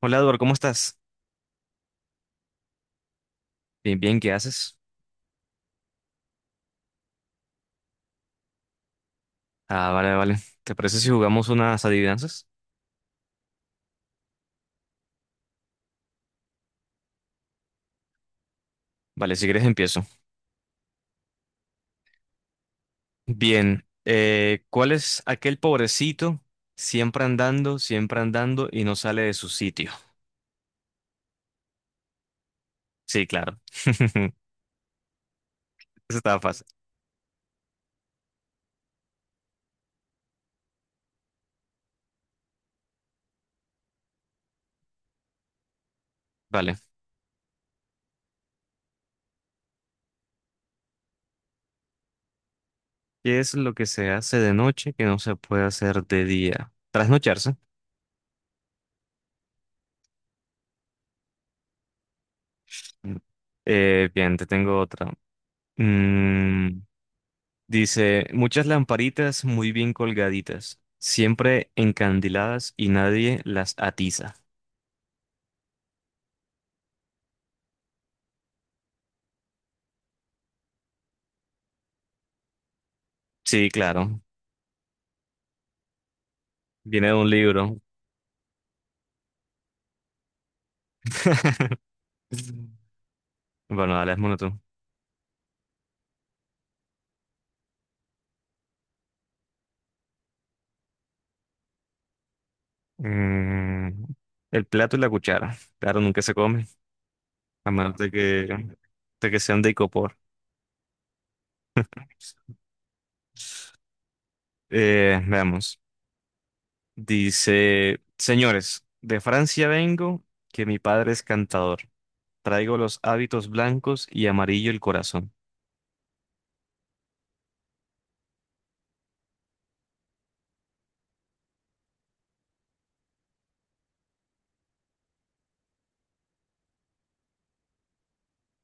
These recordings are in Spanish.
Hola, Eduardo, ¿cómo estás? Bien, bien, ¿qué haces? Ah, vale, vale. ¿Te parece si jugamos unas adivinanzas? Vale, si quieres empiezo. Bien, ¿cuál es aquel pobrecito siempre andando y no sale de su sitio? Sí, claro. Eso estaba fácil. Vale. ¿Qué es lo que se hace de noche que no se puede hacer de día? Trasnocharse. Mm. Bien, te tengo otra. Mm, Dice, muchas lamparitas muy bien colgaditas, siempre encandiladas y nadie las atiza. Sí, claro, viene de un libro. Bueno, dale, es monotón. El plato y la cuchara, claro, nunca se come, a menos de que sean de icopor. Veamos, dice, señores, de Francia vengo, que mi padre es cantador. Traigo los hábitos blancos y amarillo el corazón.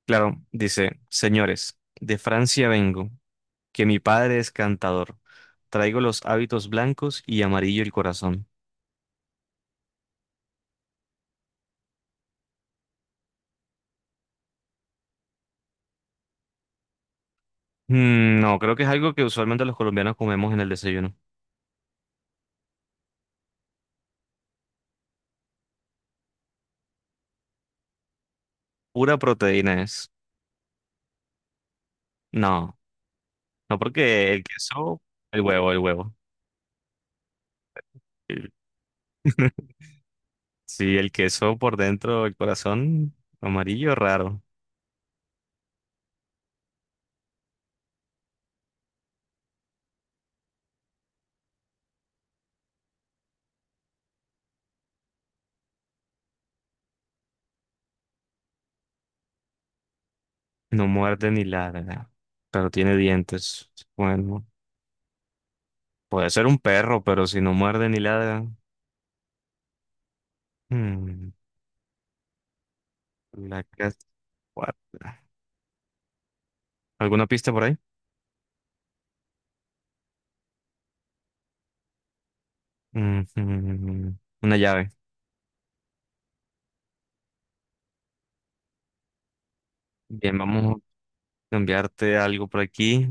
Claro, dice, señores, de Francia vengo, que mi padre es cantador. Traigo los hábitos blancos y amarillo el corazón. No, creo que es algo que usualmente los colombianos comemos en el desayuno. Pura proteína es. No, no porque el queso, el huevo, el huevo. El- Sí, el queso por dentro, el corazón amarillo, raro. No muerde ni ladra, pero tiene dientes. Bueno, puede ser un perro, pero si no muerde ni ladra. mm. La casa cuarta. ¿Alguna pista por ahí? Ujú, una llave. Bien, vamos a cambiarte algo por aquí.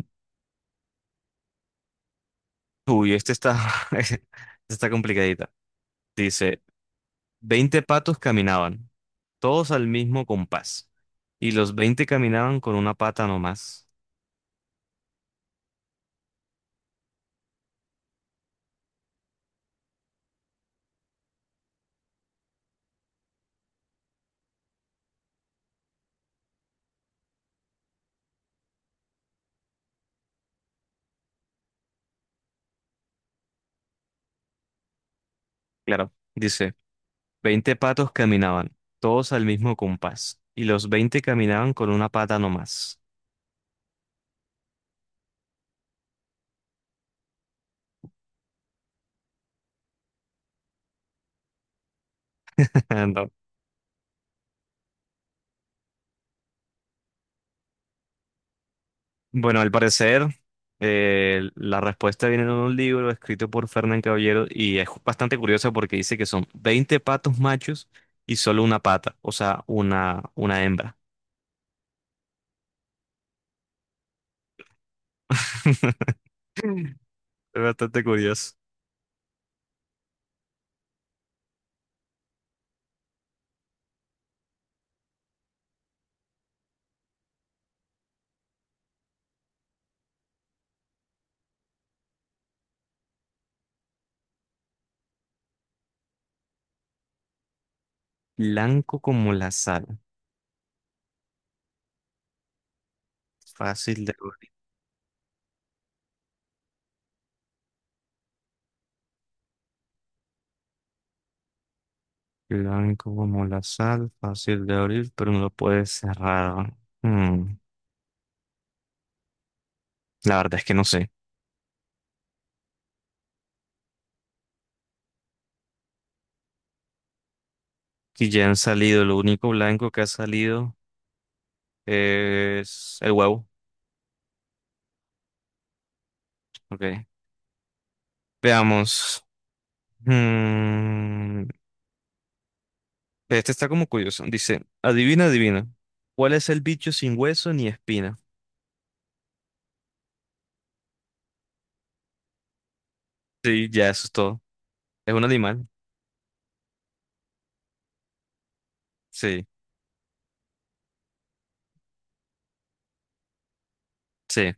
Uy, este está, este está complicadita. Dice, 20 patos caminaban, todos al mismo compás, y los 20 caminaban con una pata nomás. Claro, dice, 20 patos caminaban, todos al mismo compás, y los 20 caminaban con una pata nomás. Bueno, al parecer, la respuesta viene en un libro escrito por Fernán Caballero y es bastante curioso porque dice que son 20 patos machos y solo una pata, o sea, una hembra. Es bastante curioso. Blanco como la sal, fácil de abrir. Blanco como la sal, fácil de abrir, pero no lo puedes cerrar. Mm, la verdad es que no sé. Si ya han salido, lo único blanco que ha salido es el huevo. Ok. Veamos. Mm, este está como curioso. Dice, adivina, adivina. ¿Cuál es el bicho sin hueso ni espina? Sí, ya eso es todo. ¿Es un animal? Sí, sí,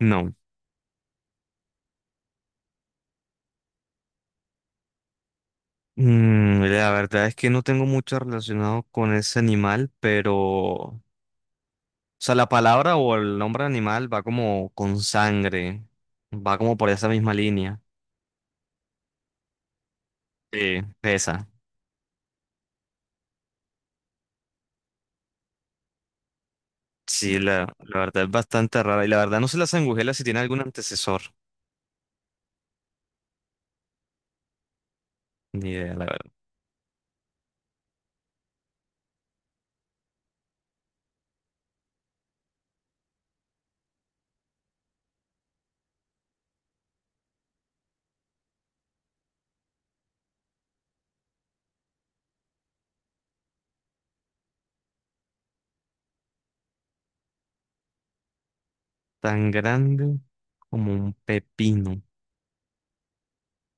no. La verdad es que no tengo mucho relacionado con ese animal, pero... O sea, la palabra o el nombre animal va como con sangre, va como por esa misma línea. Sí, esa. Sí, la verdad es bastante rara. Y la verdad no sé la sangujela si tiene algún antecesor. Ni idea, la tan grande como un pepino.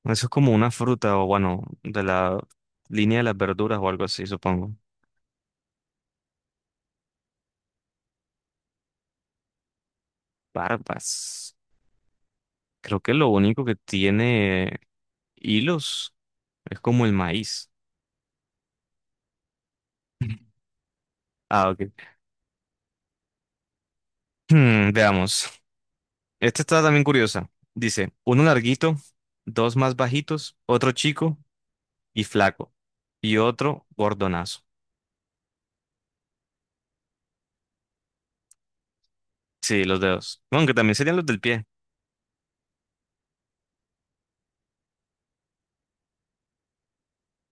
Eso es como una fruta o bueno, de la línea de las verduras o algo así, supongo. Barbas. Creo que lo único que tiene hilos es como el maíz. Ah, ok. Hmm, veamos. Esta está también curiosa. Dice, uno larguito, dos más bajitos, otro chico y flaco, y otro gordonazo. Sí, los dedos. Aunque también serían los del pie.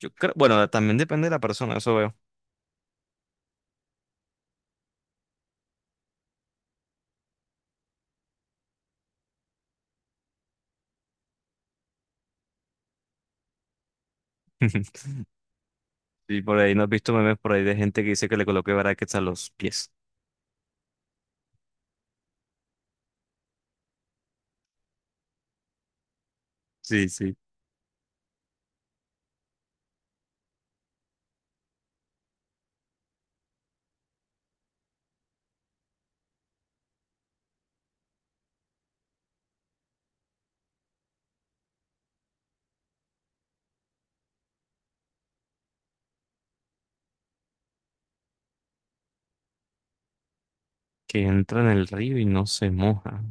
Yo creo, bueno, también depende de la persona, eso veo. Sí, por ahí no has visto memes por ahí de gente que dice que le coloque brackets a los pies, sí, sí. Que entra en el río y no se moja.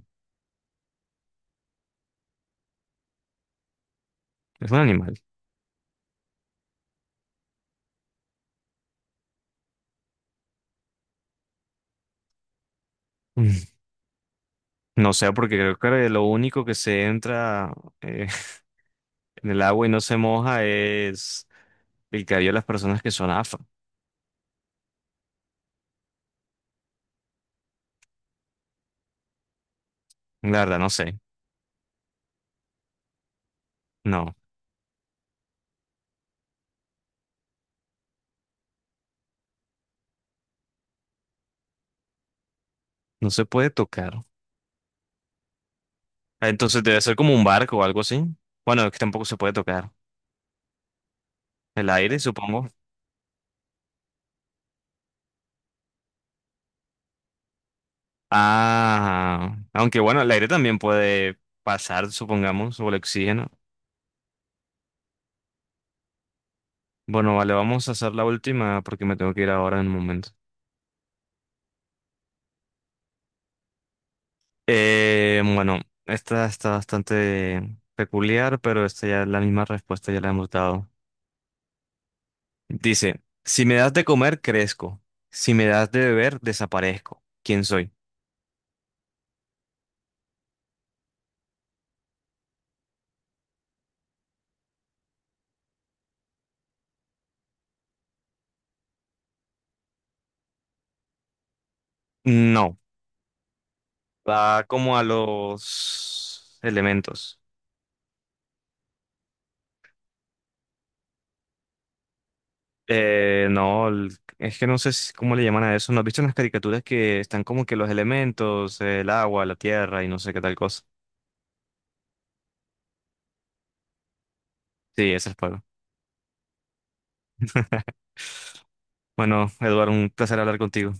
Es un animal. No sé, porque creo que lo único que se entra eh, en el agua y no se moja es el cabello de las personas que son afro. La verdad, no sé. No, no se puede tocar. Ah, entonces debe ser como un barco o algo así. Bueno, es que tampoco se puede tocar. El aire, supongo. Ah, aunque bueno, el aire también puede pasar, supongamos, o el oxígeno. Bueno, vale, vamos a hacer la última porque me tengo que ir ahora en un momento. Bueno, esta está bastante peculiar, pero esta ya la misma respuesta ya la hemos dado. Dice, si me das de comer, crezco. Si me das de beber, desaparezco. ¿Quién soy? No, va como a los elementos. No, es que no sé cómo le llaman a eso. ¿No has visto unas caricaturas que están como que los elementos, el agua, la tierra y no sé qué tal cosa? Sí, ese es fuego. Bueno, Eduardo, un placer hablar contigo.